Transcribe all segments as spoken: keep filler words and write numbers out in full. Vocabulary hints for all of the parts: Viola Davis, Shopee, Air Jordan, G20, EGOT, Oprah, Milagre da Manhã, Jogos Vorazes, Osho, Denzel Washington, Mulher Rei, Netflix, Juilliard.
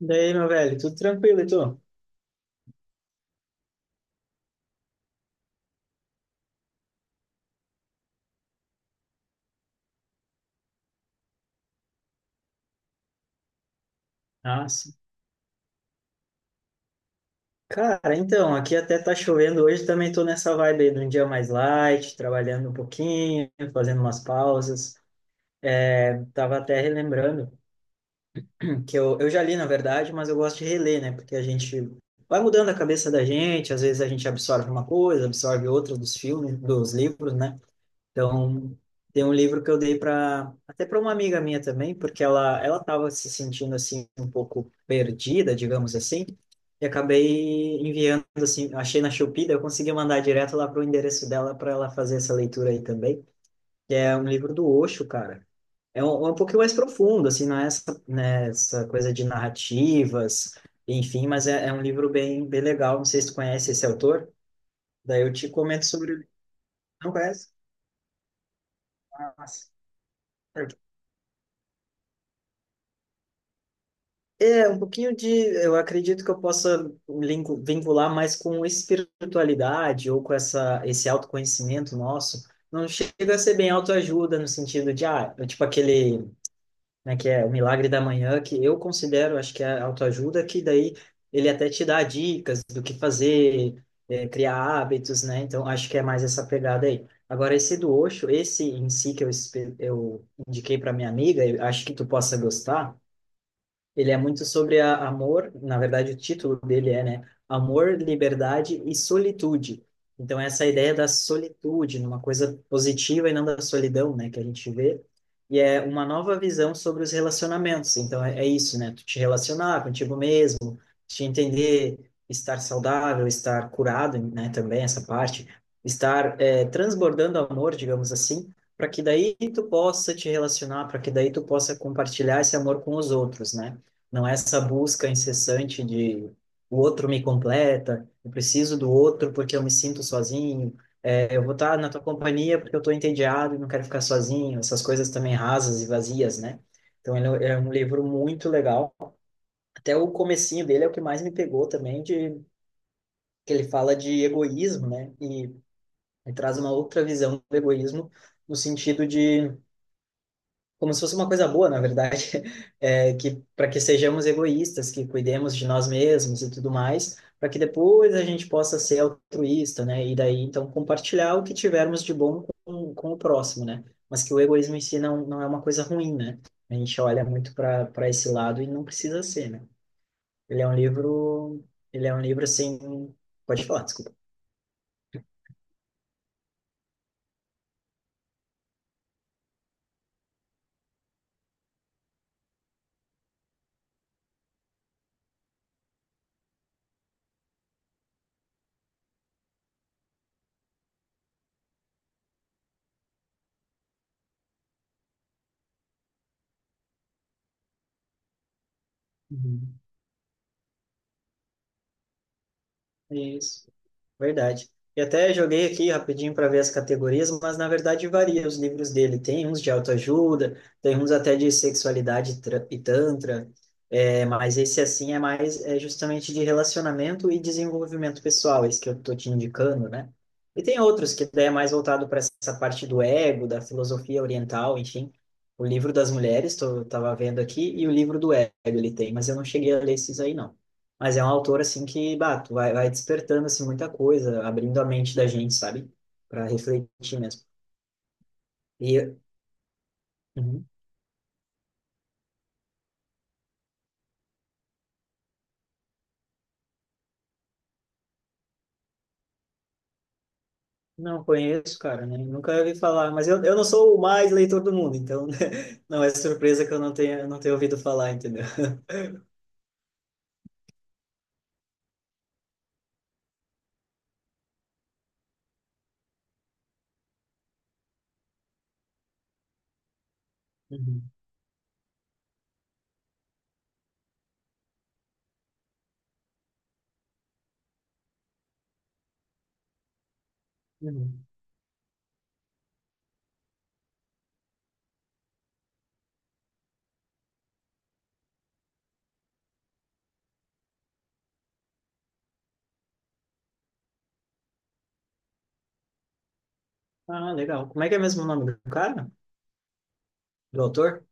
Daí, meu velho, tudo tranquilo, e tu? Nossa. Cara, então, aqui até tá chovendo hoje, também tô nessa vibe aí de um dia mais light, trabalhando um pouquinho, fazendo umas pausas. Tava até relembrando que eu, eu já li, na verdade, mas eu gosto de reler, né? Porque a gente vai mudando a cabeça da gente, às vezes a gente absorve uma coisa, absorve outra dos filmes, dos livros, né? Então, tem um livro que eu dei para até para uma amiga minha também, porque ela ela estava se sentindo assim um pouco perdida, digamos assim, e acabei enviando assim, achei na Shopee, daí eu consegui mandar direto lá pro endereço dela para ela fazer essa leitura aí também, que é um livro do Osho, cara. É um, é um pouquinho mais profundo, assim, não é essa, né, essa coisa de narrativas, enfim, mas é, é um livro bem, bem legal. Não sei se tu conhece esse autor, daí eu te comento sobre. Não conhece? Nossa. É, um pouquinho de. Eu acredito que eu possa lingu- vincular mais com espiritualidade ou com essa, esse autoconhecimento nosso. Não chega a ser bem autoajuda no sentido de, ah, eu, tipo aquele, né, que é o Milagre da Manhã, que eu considero, acho que é autoajuda, que daí ele até te dá dicas do que fazer, eh, criar hábitos, né? Então, acho que é mais essa pegada aí. Agora, esse do Osho, esse em si que eu, espe- eu indiquei para minha amiga, eu acho que tu possa gostar. Ele é muito sobre a, amor, na verdade o título dele é, né? Amor, liberdade e solitude. Então essa ideia da solitude, numa coisa positiva e não da solidão, né, que a gente vê, e é uma nova visão sobre os relacionamentos. Então é, é isso, né? Tu te relacionar contigo mesmo, de entender estar saudável, estar curado, né, também essa parte, estar é, transbordando amor, digamos assim, para que daí tu possa te relacionar, para que daí tu possa compartilhar esse amor com os outros, né? Não é essa busca incessante de o outro me completa, eu preciso do outro porque eu me sinto sozinho, é, eu vou estar na tua companhia porque eu estou entediado e não quero ficar sozinho, essas coisas também rasas e vazias, né? Então ele é um livro muito legal até o comecinho dele é o que mais me pegou também, de que ele fala de egoísmo, né? E, e traz uma outra visão do egoísmo no sentido de como se fosse uma coisa boa, na verdade, é, que para que sejamos egoístas, que cuidemos de nós mesmos e tudo mais, para que depois a gente possa ser altruísta, né? E daí então compartilhar o que tivermos de bom com, com o próximo, né? Mas que o egoísmo em si não, não é uma coisa ruim, né? A gente olha muito para para esse lado e não precisa ser, né? Ele é um livro, ele é um livro assim, pode falar, desculpa. Uhum. Isso. Verdade. E até joguei aqui rapidinho para ver as categorias, mas na verdade varia os livros dele. Tem uns de autoajuda, tem uns até de sexualidade tra- e tantra, é, mas esse assim é mais é justamente de relacionamento e desenvolvimento pessoal, esse que eu tô te indicando, né? E tem outros que daí é mais voltado para essa parte do ego, da filosofia oriental, enfim. O livro das mulheres, tô, tava vendo aqui, e o livro do ego ele tem, mas eu não cheguei a ler esses aí, não. Mas é um autor, assim, que, bah, tu vai, vai despertando, assim, muita coisa, abrindo a mente da gente, sabe? Para refletir mesmo. E, uhum. Não conheço, cara, né? Nunca ouvi falar, mas eu, eu não sou o mais leitor do mundo, então não é surpresa que eu não tenha, não tenha ouvido falar, entendeu? Uhum. Uhum. Ah, legal. Como é que é mesmo o nome do cara? Do autor?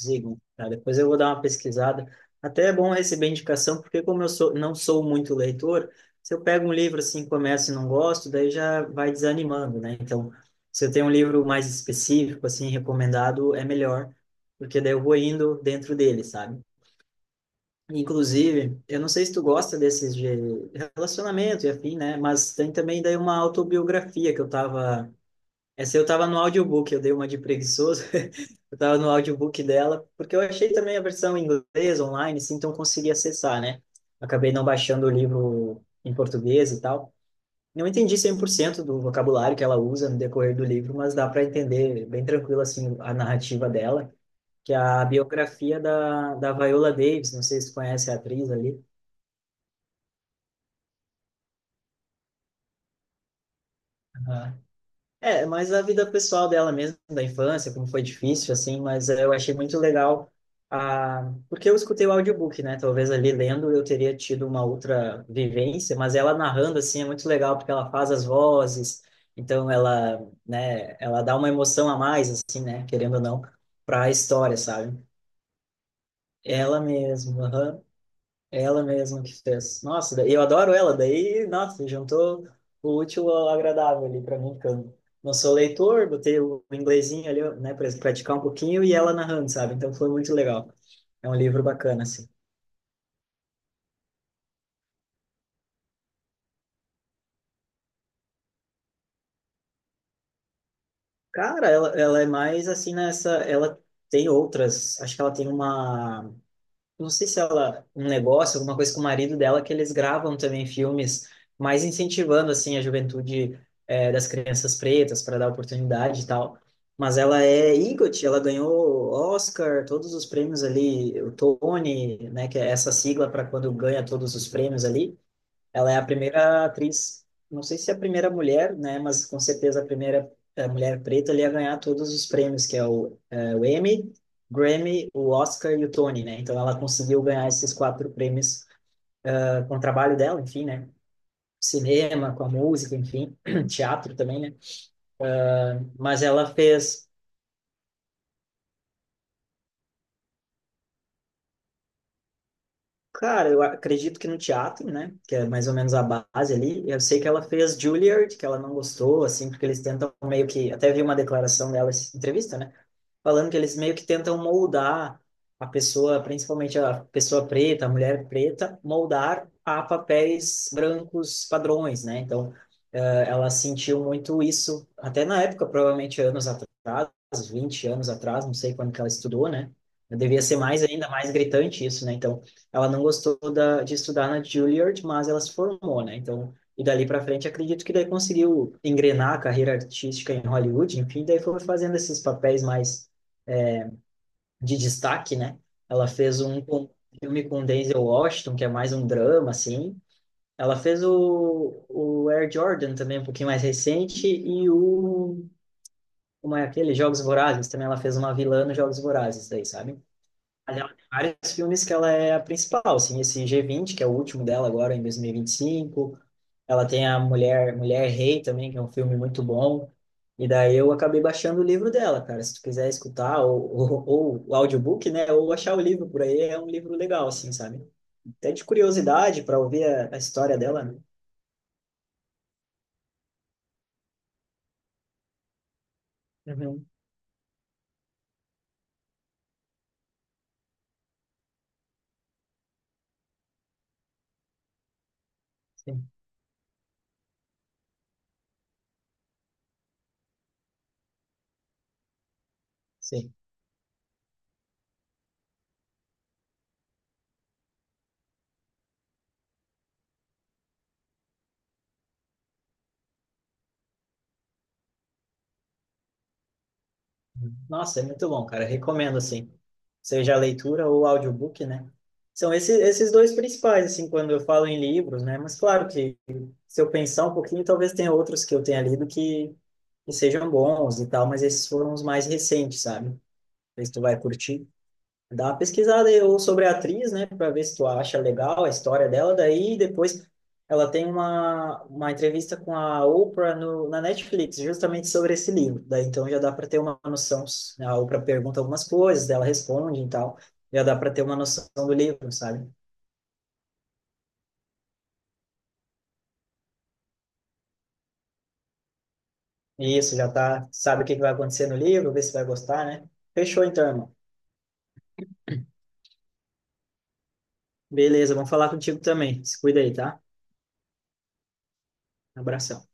Zigo, tá? Depois eu vou dar uma pesquisada. Até é bom receber indicação, porque como eu sou, não sou muito leitor, se eu pego um livro assim, começo e não gosto, daí já vai desanimando, né? Então, se eu tenho um livro mais específico, assim, recomendado, é melhor, porque daí eu vou indo dentro dele, sabe? Inclusive, eu não sei se tu gosta desses de relacionamento e afim, né? Mas tem também daí uma autobiografia que eu tava essa eu tava no audiobook, eu dei uma de preguiçoso. Eu tava no audiobook dela, porque eu achei também a versão em inglês online, assim, então eu consegui acessar, né? Acabei não baixando o livro em português e tal. Não entendi cem por cento do vocabulário que ela usa no decorrer do livro, mas dá para entender bem tranquilo, assim, a narrativa dela, que é a biografia da, da Viola Davis, não sei se tu conhece a atriz ali. É, mas a vida pessoal dela mesmo, da infância, como foi difícil, assim, mas eh, eu achei muito legal, a porque eu escutei o audiobook, né? Talvez ali lendo eu teria tido uma outra vivência, mas ela narrando, assim, é muito legal, porque ela faz as vozes, então ela, né, ela dá uma emoção a mais, assim, né? Querendo ou não, para a história, sabe? Ela mesma, Ela mesma que fez. Nossa, daí- eu adoro ela, daí, nossa, juntou o útil ao agradável ali para mim, porque eu não sou leitor, botei o inglesinho ali, né, para praticar um pouquinho e ela narrando, sabe? Então foi muito legal. É um livro bacana, assim. Cara, ela, ela é mais assim nessa. Ela tem outras. Acho que ela tem uma. Não sei se ela, um negócio, alguma coisa com o marido dela, que eles gravam também filmes, mais incentivando, assim, a juventude eh, das crianças pretas para dar oportunidade e tal. Mas ela é E G O T, ela ganhou Oscar, todos os prêmios ali, o Tony, né, que é essa sigla para quando ganha todos os prêmios ali. Ela é a primeira atriz, não sei se é a primeira mulher, né, mas com certeza a primeira eh, mulher preta ali a ganhar todos os prêmios, que é o, eh, o Emmy, Grammy, o Oscar e o Tony, né? Então ela conseguiu ganhar esses quatro prêmios eh, com o trabalho dela, enfim, né? Cinema, com a música, enfim, teatro também, né? Mas ela fez, cara, eu acredito que no teatro, né? Que é mais ou menos a base ali. Eu sei que ela fez Juilliard, que ela não gostou, assim, porque eles tentam meio que, até vi uma declaração dela, essa entrevista, né? Falando que eles meio que tentam moldar a pessoa, principalmente a pessoa preta, a mulher preta, moldar a papéis brancos padrões, né? Então, eh, ela sentiu muito isso, até na época, provavelmente anos atrás, vinte anos atrás, não sei quando que ela estudou, né? Devia ser mais ainda mais gritante isso, né? Então, ela não gostou da, de estudar na Juilliard, mas ela se formou, né? Então, e dali para frente, acredito que daí conseguiu engrenar a carreira artística em Hollywood, enfim, daí foi fazendo esses papéis mais de destaque, né? Ela fez um com- Filme com Denzel Washington, que é mais um drama, assim. Ela fez o, o Air Jordan também, um pouquinho mais recente, e o... Como é aquele? Jogos Vorazes. Também ela fez uma vilã nos Jogos Vorazes, daí, sabe? Mas ela tem vários filmes que ela é a principal, assim, esse G vinte, que é o último dela agora, em dois mil e vinte e cinco. Ela tem a Mulher, Mulher Rei também, que é um filme muito bom. E daí eu acabei baixando o livro dela, cara. Se tu quiser escutar, ou, ou, ou o audiobook, né? Ou achar o livro por aí, é um livro legal, assim, sabe? Até de curiosidade para ouvir a, a história dela, né? Uhum, Sim, sim. Nossa, é muito bom, cara. Recomendo, assim, seja a leitura ou o audiobook, né? São esses, esses dois principais, assim, quando eu falo em livros, né? Mas claro que se eu pensar um pouquinho, talvez tenha outros que eu tenha lido que, que sejam bons e tal, mas esses foram os mais recentes, sabe? Não sei se tu vai curtir. Dá uma pesquisada aí ou sobre a atriz, né, para ver se tu acha legal a história dela. Daí depois ela tem uma, uma entrevista com a Oprah no, na Netflix, justamente sobre esse livro. Daí então já dá para ter uma noção. Né, a Oprah pergunta algumas coisas, ela responde e tal. Já dá para ter uma noção do livro, sabe? E isso, já tá, sabe o que que vai acontecer no livro, vê se vai gostar, né? Fechou então, irmão. Beleza, vamos falar contigo também. Se cuida aí, tá? Abração.